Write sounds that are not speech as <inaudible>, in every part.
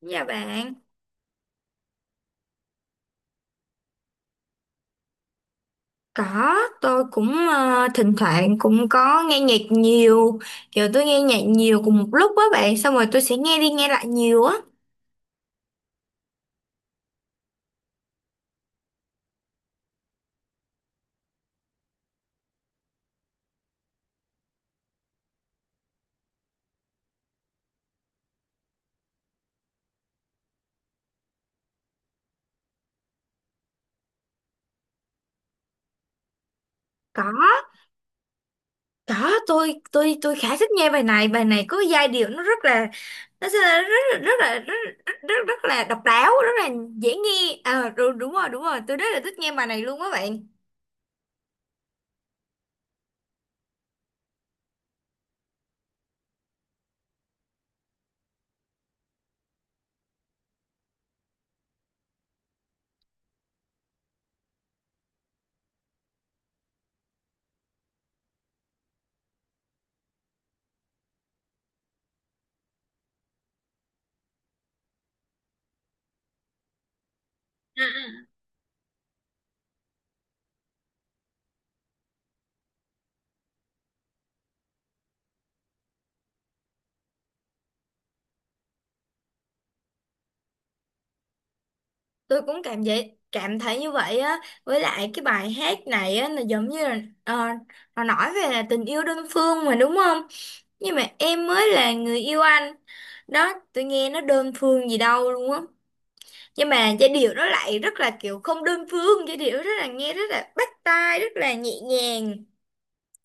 Dạ bạn, có, tôi cũng thỉnh thoảng cũng có nghe nhạc nhiều, kiểu tôi nghe nhạc nhiều cùng một lúc á bạn, xong rồi tôi sẽ nghe đi nghe lại nhiều á. Có, có, tôi khá thích nghe bài này có giai điệu nó rất là nó sẽ là rất là rất là rất rất, rất, rất là độc đáo, rất là dễ nghe. Ờ Đúng, đúng rồi, tôi rất là thích nghe bài này luôn á bạn. Tôi cũng cảm vậy cảm thấy như vậy á, với lại cái bài hát này á là giống như là, ờ, nó nói về tình yêu đơn phương mà đúng không? Nhưng mà em mới là người yêu anh, đó tôi nghe nó đơn phương gì đâu luôn á. Nhưng mà giai điệu nó lại rất là kiểu không đơn phương, giai điệu rất là, nghe rất là bắt tai, rất là nhẹ nhàng,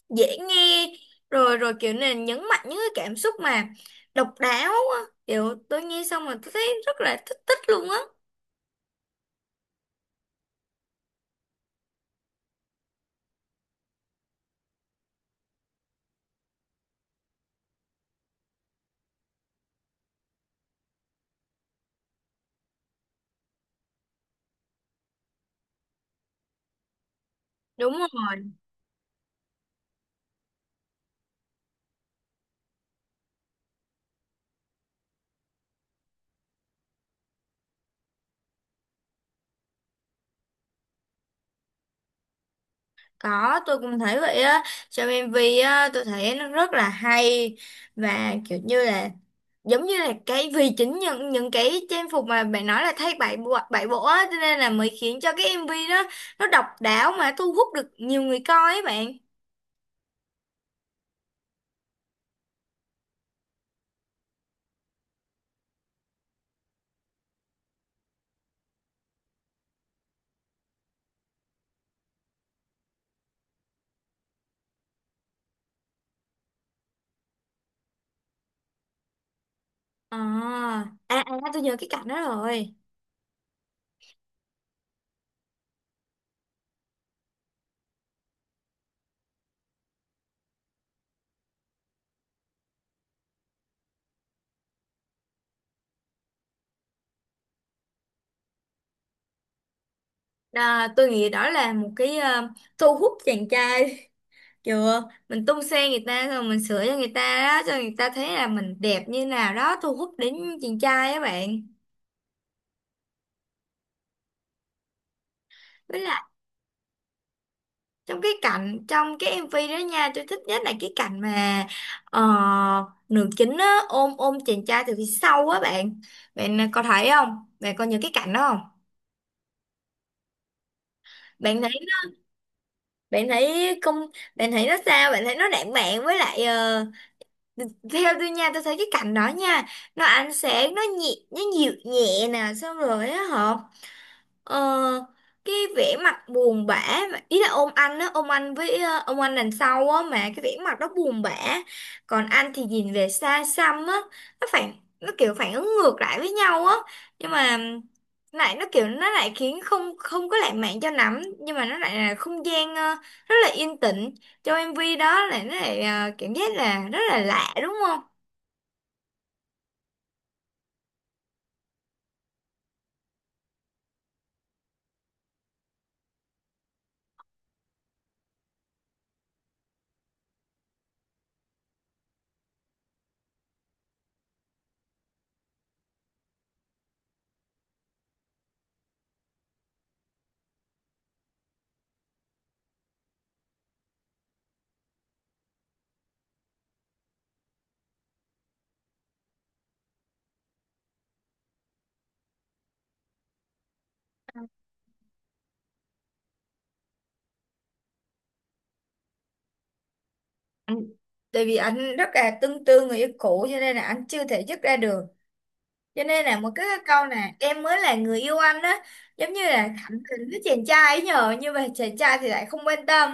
dễ nghe. Rồi rồi kiểu này nhấn mạnh những cái cảm xúc mà độc đáo á, kiểu tôi nghe xong mà tôi thấy rất là thích thích luôn á. Đúng rồi. Có, tôi cũng thấy vậy á. Trong MV á, tôi thấy nó rất là hay, và kiểu như là, giống như là, cái vì chính những cái trang phục mà bạn nói là thay bảy bộ á, cho nên là mới khiến cho cái MV đó nó độc đáo mà thu hút được nhiều người coi ấy bạn. À, à, à tôi nhớ cái cảnh đó rồi. Đó, tôi nghĩ đó là một cái thu hút chàng trai <laughs> kiểu mình tung xe người ta rồi mình sửa cho người ta, đó cho người ta thấy là mình đẹp như nào đó, thu hút đến chàng trai á bạn. Với lại trong cái cảnh, trong cái MV đó nha, tôi thích nhất là cái cảnh mà ờ, nữ chính á, ôm ôm chàng trai từ phía sau á bạn. Bạn à, có thấy không? Bạn có nhớ cái cảnh đó không? Bạn thấy, bạn thấy không? Bạn thấy nó sao? Bạn thấy nó lãng mạn, với lại theo tôi nha, tôi thấy cái cảnh đó nha, nó ánh sáng nó nhẹ, nó dịu nhẹ nè, xong rồi á hả? Ờ, cái vẻ mặt buồn bã mà- ý là ôm anh á, ôm anh với ông anh đằng sau á, mà cái vẻ mặt đó buồn bã, còn anh thì nhìn về xa xăm á. Nó phản, nó kiểu phản ứng ngược lại với nhau á. Nhưng mà lại nó kiểu, nó lại khiến không không có lãng mạn cho lắm, nhưng mà nó lại là không gian rất là yên tĩnh, trong MV đó là nó lại, cảm giác là rất là lạ đúng không? Anh- tại vì anh rất là tương tư người yêu cũ cho nên là anh chưa thể dứt ra được, cho nên là một cái câu nè em mới là người yêu anh á, giống như là cảm tình với chàng trai ấy nhờ, nhưng mà chàng trai thì lại không quan tâm.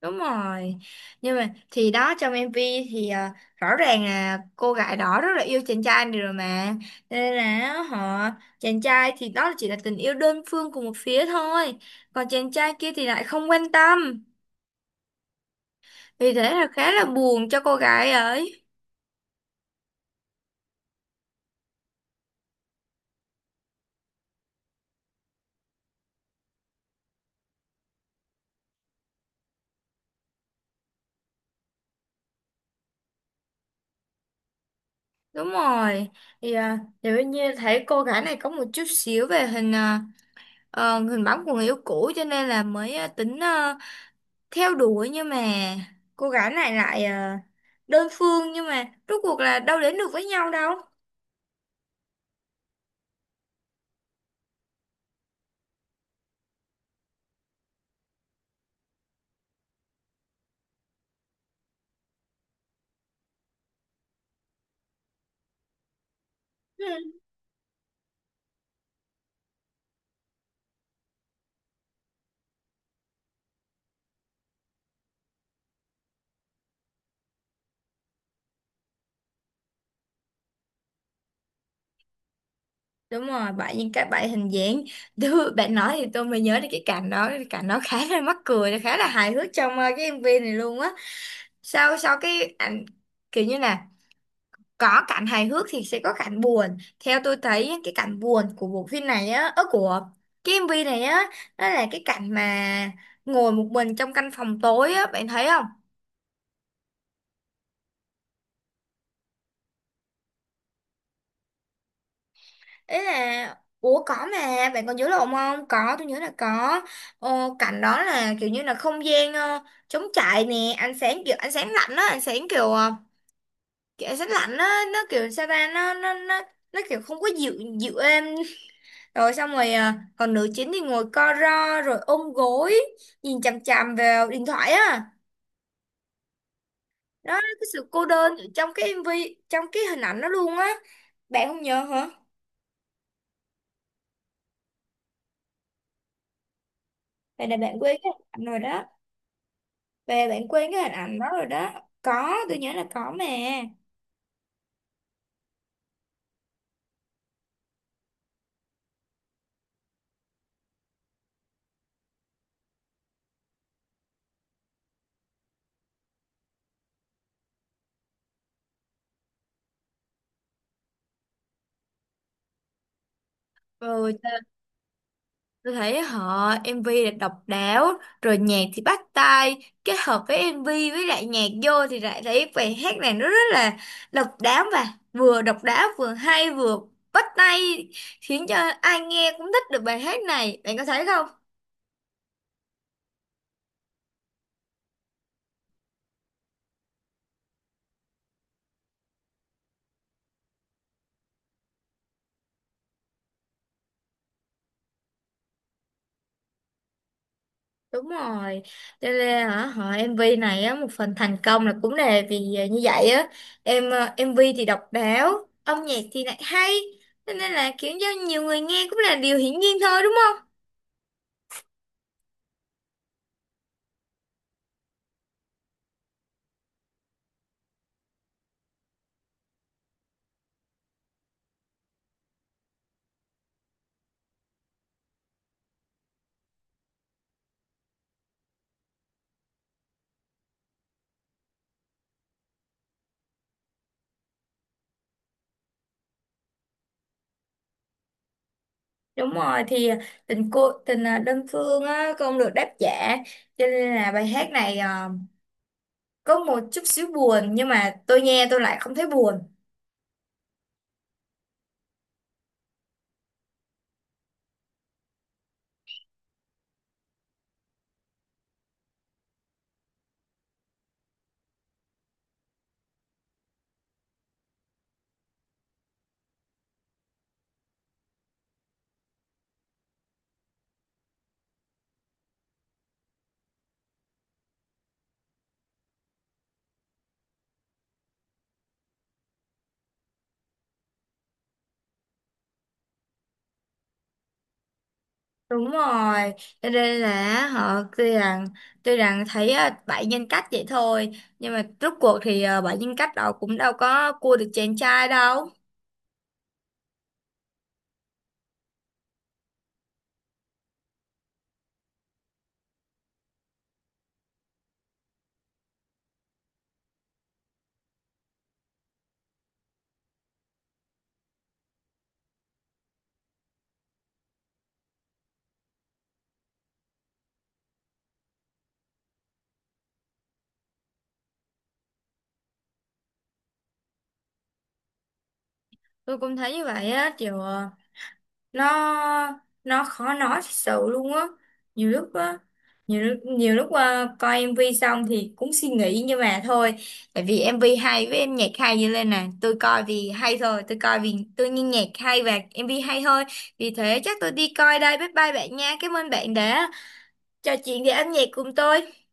Đúng rồi, nhưng mà thì đó trong MV thì rõ ràng là cô gái đó rất là yêu chàng trai này rồi mà. Cho nên là họ, chàng trai thì đó chỉ là tình yêu đơn phương của một phía thôi, còn chàng trai kia thì lại không quan tâm, vì thế là khá là buồn cho cô gái ấy. Đúng rồi thì nếu như thấy cô gái này có một chút xíu về hình hình bóng của người yêu cũ, cho nên là mới tính theo đuổi, nhưng mà cô gái này lại đơn phương, nhưng mà rốt cuộc là đâu đến được với nhau đâu. Ừ, đúng rồi bạn, những cái bạn hình dáng <laughs> Đứa- bạn nói thì tôi mới nhớ đến cái cảnh đó, cái cảnh đó khá là mắc cười, khá là hài hước trong cái MV này luôn á. Sau sau cái ảnh, kiểu như là có cảnh hài hước thì sẽ có cảnh buồn. Theo tôi thấy á, cái cảnh buồn của bộ phim này á, ở của cái MV này á, đó là cái cảnh mà ngồi một mình trong căn phòng tối á, bạn thấy không? Ấy là, ủa có mà, bạn còn nhớ lộn không? Có, tôi nhớ là có. Ờ, cảnh đó là kiểu như là không gian trống trải nè, ánh sáng kiểu ánh sáng lạnh á, ánh sáng kiểu kiểu ánh sáng lạnh á, nó kiểu sao ta, nó kiểu không có dịu, dịu êm. Rồi xong rồi còn nữ chính thì ngồi co ro rồi ôm gối, nhìn chằm chằm vào điện thoại á. Đó, cái sự cô đơn ở trong cái MV, trong cái hình ảnh đó luôn á. Bạn không nhớ hả? Vậy là bạn quên cái hình ảnh rồi đó. Về bạn quên cái hình ảnh đó rồi đó. Có, tôi nhớ là có mà. Ừ, tôi thấy họ MV là độc đáo, rồi nhạc thì bắt tai, kết hợp với MV với lại nhạc vô thì lại thấy bài hát này nó rất là độc đáo, và vừa độc đáo, vừa hay, vừa bắt tai, khiến cho ai nghe cũng thích được bài hát này. Bạn có thấy không? Đúng rồi. Cho nên hả, họ MV này á, một phần thành công là cũng là vì như vậy á. Em MV thì độc đáo, âm nhạc thì lại hay. Cho nên là khiến cho nhiều người nghe cũng là điều hiển nhiên thôi đúng không? Đúng rồi thì tình cô tình đơn phương á, không được đáp trả, cho nên là bài hát này có một chút xíu buồn, nhưng mà tôi nghe tôi lại không thấy buồn. Đúng rồi, cho nên là họ tuy rằng, tuy rằng thấy bảy nhân cách vậy thôi, nhưng mà rốt cuộc thì bảy nhân cách đó cũng đâu có cua được chàng trai đâu. Tôi cũng thấy như vậy á, kiểu nó khó nói thật sự luôn á, nhiều lúc á, nhiều lúc coi MV xong thì cũng suy nghĩ, nhưng mà thôi, tại vì MV hay với em, nhạc hay như lên nè, tôi coi vì hay thôi, tôi coi vì tôi nghe nhạc hay và MV hay thôi. Vì thế chắc tôi đi coi đây, bye bye bạn nha, cảm ơn bạn đã trò chuyện về âm nhạc cùng tôi.